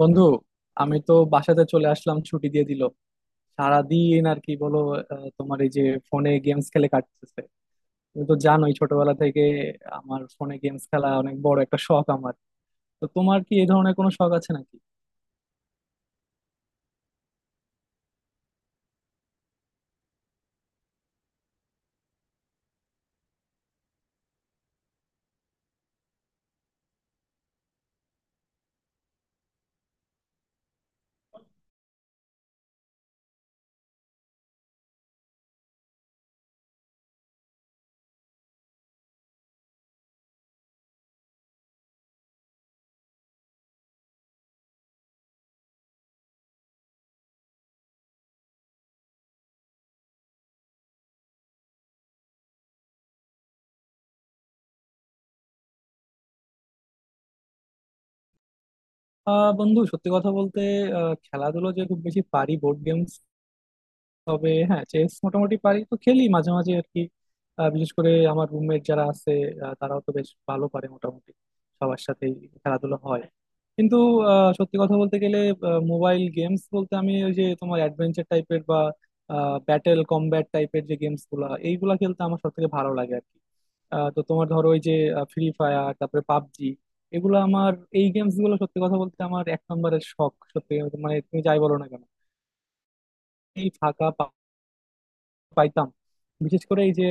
বন্ধু, আমি তো বাসাতে চলে আসলাম, ছুটি দিয়ে দিল সারাদিন আর কি বলো। তোমার এই যে ফোনে গেমস খেলে কাটতেছে। তুমি তো জানোই ছোটবেলা থেকে আমার ফোনে গেমস খেলা অনেক বড় একটা শখ আমার। তো তোমার কি এই ধরনের কোনো শখ আছে নাকি? বন্ধু, সত্যি কথা বলতে খেলাধুলো যে খুব বেশি পারি বোর্ড গেমস। তবে হ্যাঁ, চেস মোটামুটি পারি, তো খেলি মাঝে মাঝে আর কি। বিশেষ করে আমার রুমমেট যারা আছে, তারাও তো বেশ ভালো পারে মোটামুটি, সবার সাথেই খেলাধুলা হয়। কিন্তু সত্যি কথা বলতে গেলে মোবাইল গেমস বলতে আমি ওই যে তোমার অ্যাডভেঞ্চার টাইপের বা ব্যাটেল কমব্যাট টাইপের যে গেমস গুলা, এইগুলা খেলতে আমার সব থেকে ভালো লাগে আর কি। তো তোমার ধরো ওই যে ফ্রি ফায়ার, তারপরে পাবজি, এগুলো আমার, এই গেমস গুলো সত্যি কথা বলতে আমার এক নম্বরের শখ সত্যি কথা বলতে। মানে তুমি যাই বলো না কেন এই ফাঁকা পাইতাম, বিশেষ করে এই যে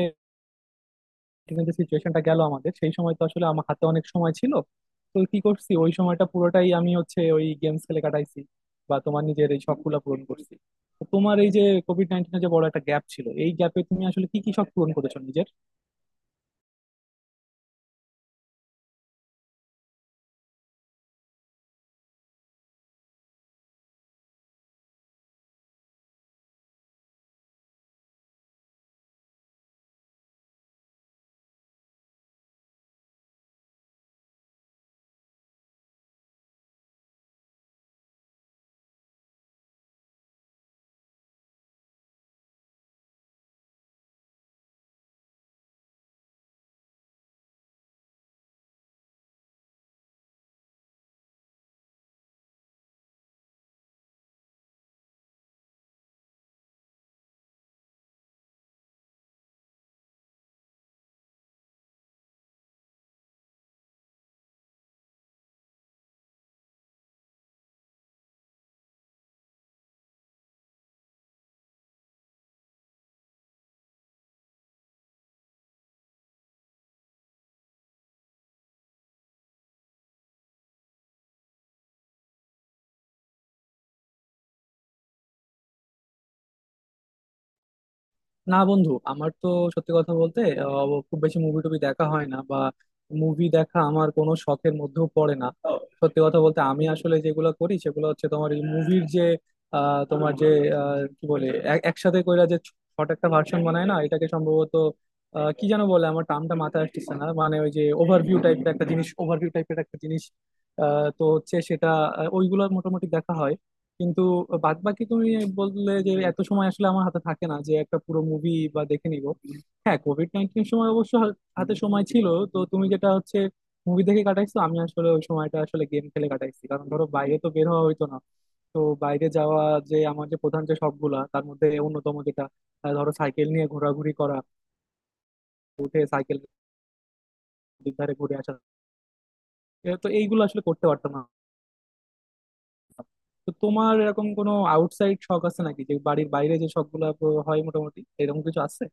এখানে যে সিচুয়েশনটা গেল আমাদের, সেই সময় তো আসলে আমার হাতে অনেক সময় ছিল। তো কি করছি, ওই সময়টা পুরোটাই আমি হচ্ছে ওই গেমস খেলে কাটাইছি, বা তোমার নিজের এই শখগুলা পূরণ করছি। তো তোমার এই যে কোভিড নাইন্টিনের যে বড় একটা গ্যাপ ছিল, এই গ্যাপে তুমি আসলে কি কি শখ পূরণ করেছো নিজের? না বন্ধু, আমার তো সত্যি কথা বলতে খুব বেশি মুভি টুভি দেখা হয় না, বা মুভি দেখা আমার কোনো শখের মধ্যেও পড়ে না। সত্যি কথা বলতে আমি আসলে যেগুলো করি সেগুলো হচ্ছে তোমার এই মুভির যে, আহ, তোমার যে আহ, কি বলে একসাথে কইরা যে ছোট একটা ভার্সন বানায় না এটাকে, সম্ভবত কি যেন বলে, আমার টার্মটা মাথায় আসতেছে না, মানে ওই যে ওভারভিউ টাইপের একটা জিনিস, ওভারভিউ টাইপের একটা জিনিস। তো হচ্ছে সেটা ওইগুলো মোটামুটি দেখা হয়। কিন্তু বাদ বাকি তুমি বললে যে এত সময় আসলে আমার হাতে থাকে না যে একটা পুরো মুভি বা দেখে নিব। হ্যাঁ, কোভিড নাইন্টিন সময় অবশ্য হাতে সময় ছিল। তো তুমি যেটা হচ্ছে মুভি দেখে কাটাইছো, আমি আসলে ওই সময়টা আসলে গেম খেলে কাটাইছি, কারণ ধরো বাইরে তো বের হওয়া হইতো না। তো বাইরে যাওয়া, যে আমার যে প্রধান যে শখগুলা তার মধ্যে অন্যতম যেটা, ধরো সাইকেল নিয়ে ঘোরাঘুরি করা, উঠে সাইকেল দুধারে ঘুরে আসা, এ তো এইগুলো আসলে করতে পারতাম না। তো তোমার এরকম কোনো আউটসাইড শখ আছে নাকি, যে বাড়ির বাইরে যে শখ গুলা হয় মোটামুটি এরকম কিছু আছে?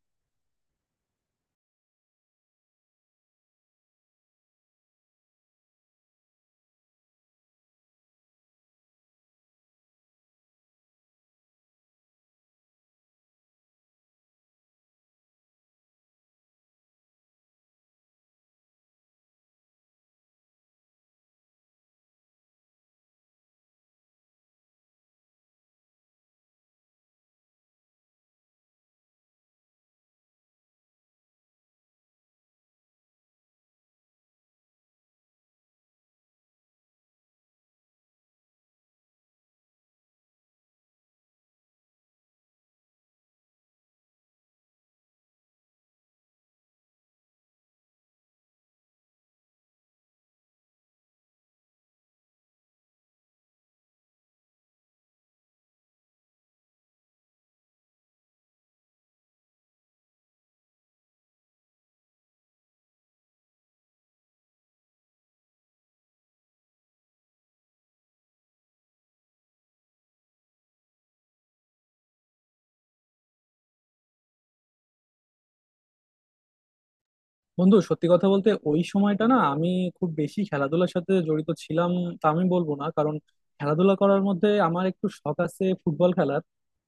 বন্ধু, সত্যি কথা বলতে ওই সময়টা না আমি খুব বেশি খেলাধুলার সাথে জড়িত ছিলাম তা আমি বলবো না, কারণ খেলাধুলা করার মধ্যে আমার একটু শখ আছে ফুটবল খেলার।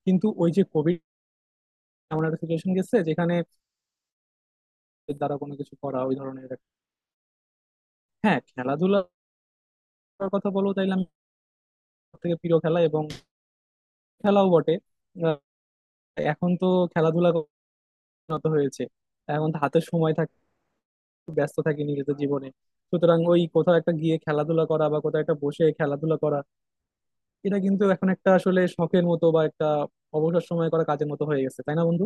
কিন্তু ওই যে কোভিড এমন একটা সিচুয়েশন গেছে যেখানে দ্বারা কোনো কিছু করা ওই ধরনের হ্যাঁ, খেলাধুলার কথা বলবো তাইলে আমি থেকে প্রিয় খেলা এবং খেলাও বটে। আহ, এখন তো খেলাধুলা উন্নত হয়েছে, এখন তো হাতে সময় থাকে, ব্যস্ত থাকি নিজেদের জীবনে। সুতরাং ওই কোথাও একটা গিয়ে খেলাধুলা করা বা কোথাও একটা বসে খেলাধুলা করা, এটা কিন্তু এখন একটা আসলে শখের মতো বা একটা অবসর সময় করা কাজের মতো হয়ে গেছে, তাই না বন্ধু?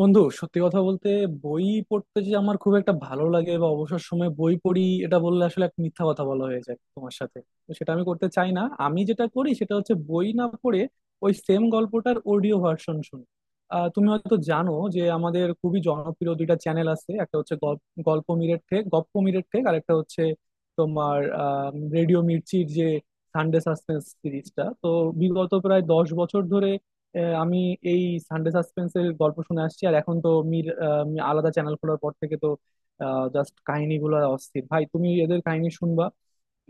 বন্ধু, সত্যি কথা বলতে বই পড়তে যে আমার খুব একটা ভালো লাগে বা অবসর সময় বই পড়ি, এটা বললে আসলে এক মিথ্যা কথা বলা হয়ে যায় তোমার সাথে। তো সেটা আমি করতে চাই না। আমি যেটা করি সেটা হচ্ছে বই না পড়ে ওই সেম গল্পটার অডিও ভার্সন শুনি। তুমি হয়তো জানো যে আমাদের খুবই জনপ্রিয় দুইটা চ্যানেল আছে, একটা হচ্ছে গল্প মিরেট ঠেক, গপ্প মিরেট ঠেক, আর একটা হচ্ছে তোমার রেডিও মির্চির যে সানডে সাসপেন্স সিরিজটা। তো বিগত প্রায় 10 বছর ধরে আমি এই সানডে সাসপেন্সের গল্প শুনে আসছি। আর এখন তো আলাদা চ্যানেল খোলার পর থেকে তো জাস্ট কাহিনীগুলো অস্থির ভাই, তুমি এদের কাহিনী শুনবা।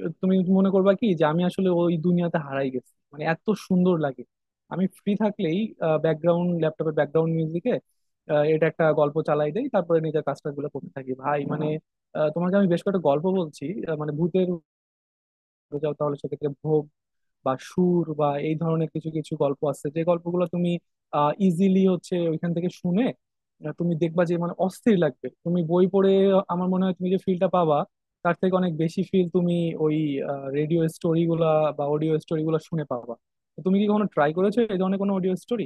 তুমি মনে করবা কি যে আমি আসলে ওই দুনিয়াতে হারাই গেছি, মানে এত সুন্দর লাগে। আমি ফ্রি থাকলেই ব্যাকগ্রাউন্ড, ল্যাপটপের ব্যাকগ্রাউন্ড মিউজিকে এটা একটা গল্প চালাই দেই, তারপরে নিজের কাজটাগুলো করতে থাকি ভাই। মানে তোমাকে আমি বেশ কয়েকটা গল্প বলছি, মানে ভূতের। যাও তাহলে সেক্ষেত্রে ভোগ বা সুর বা এই ধরনের কিছু কিছু গল্প আছে, যে গল্পগুলো তুমি ইজিলি হচ্ছে ওইখান থেকে শুনে তুমি দেখবা যে, মানে অস্থির লাগবে। তুমি বই পড়ে আমার মনে হয় তুমি যে ফিলটা পাবা, তার থেকে অনেক বেশি ফিল তুমি ওই রেডিও স্টোরিগুলা বা অডিও স্টোরিগুলা শুনে পাবা। তো তুমি কি কখনো ট্রাই করেছো এই ধরনের কোনো অডিও স্টোরি?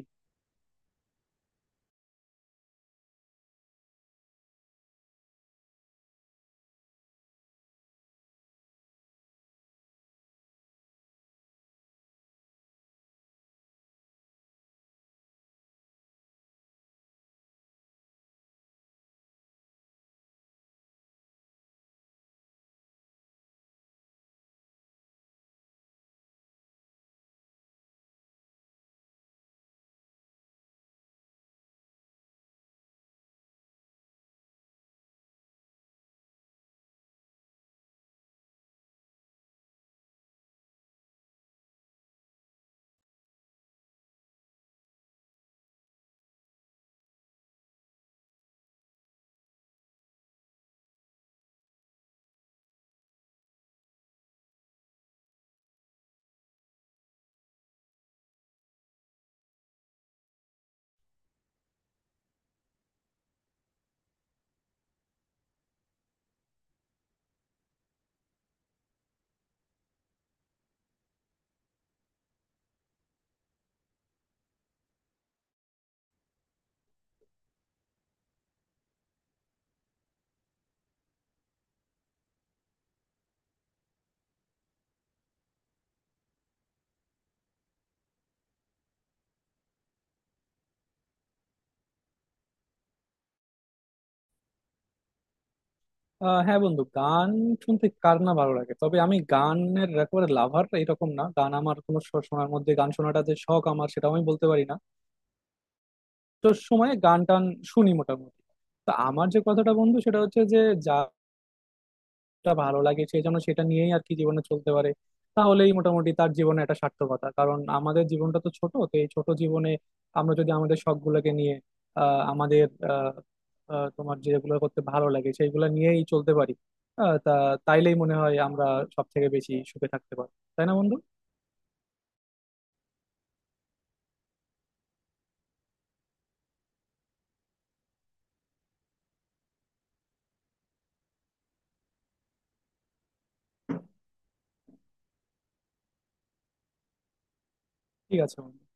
হ্যাঁ বন্ধু, গান শুনতে কার না ভালো লাগে, তবে আমি গানের একেবারে লাভার এরকম না, গান আমার কোনো শোনার মধ্যে, গান শোনাটা যে শখ আমার সেটাও আমি বলতে পারি না। সময়ে গান টান শুনি মোটামুটি। তো আমার যে কথাটা বন্ধু সেটা হচ্ছে যে, যাটা ভালো লাগে সে যেন সেটা নিয়েই আর কি জীবনে চলতে পারে, তাহলেই মোটামুটি তার জীবনে একটা সার্থকতা। কারণ আমাদের জীবনটা তো ছোট, তো এই ছোট জীবনে আমরা যদি আমাদের শখ গুলোকে নিয়ে, আহ আমাদের আহ আহ, তোমার যেগুলো করতে ভালো লাগে সেইগুলো নিয়েই চলতে পারি, আহ তা তাইলেই মনে হয় আমরা সব থেকে বেশি সুখে থাকতে পারি, তাই না বন্ধু? ঠিক আছে বন্ধু।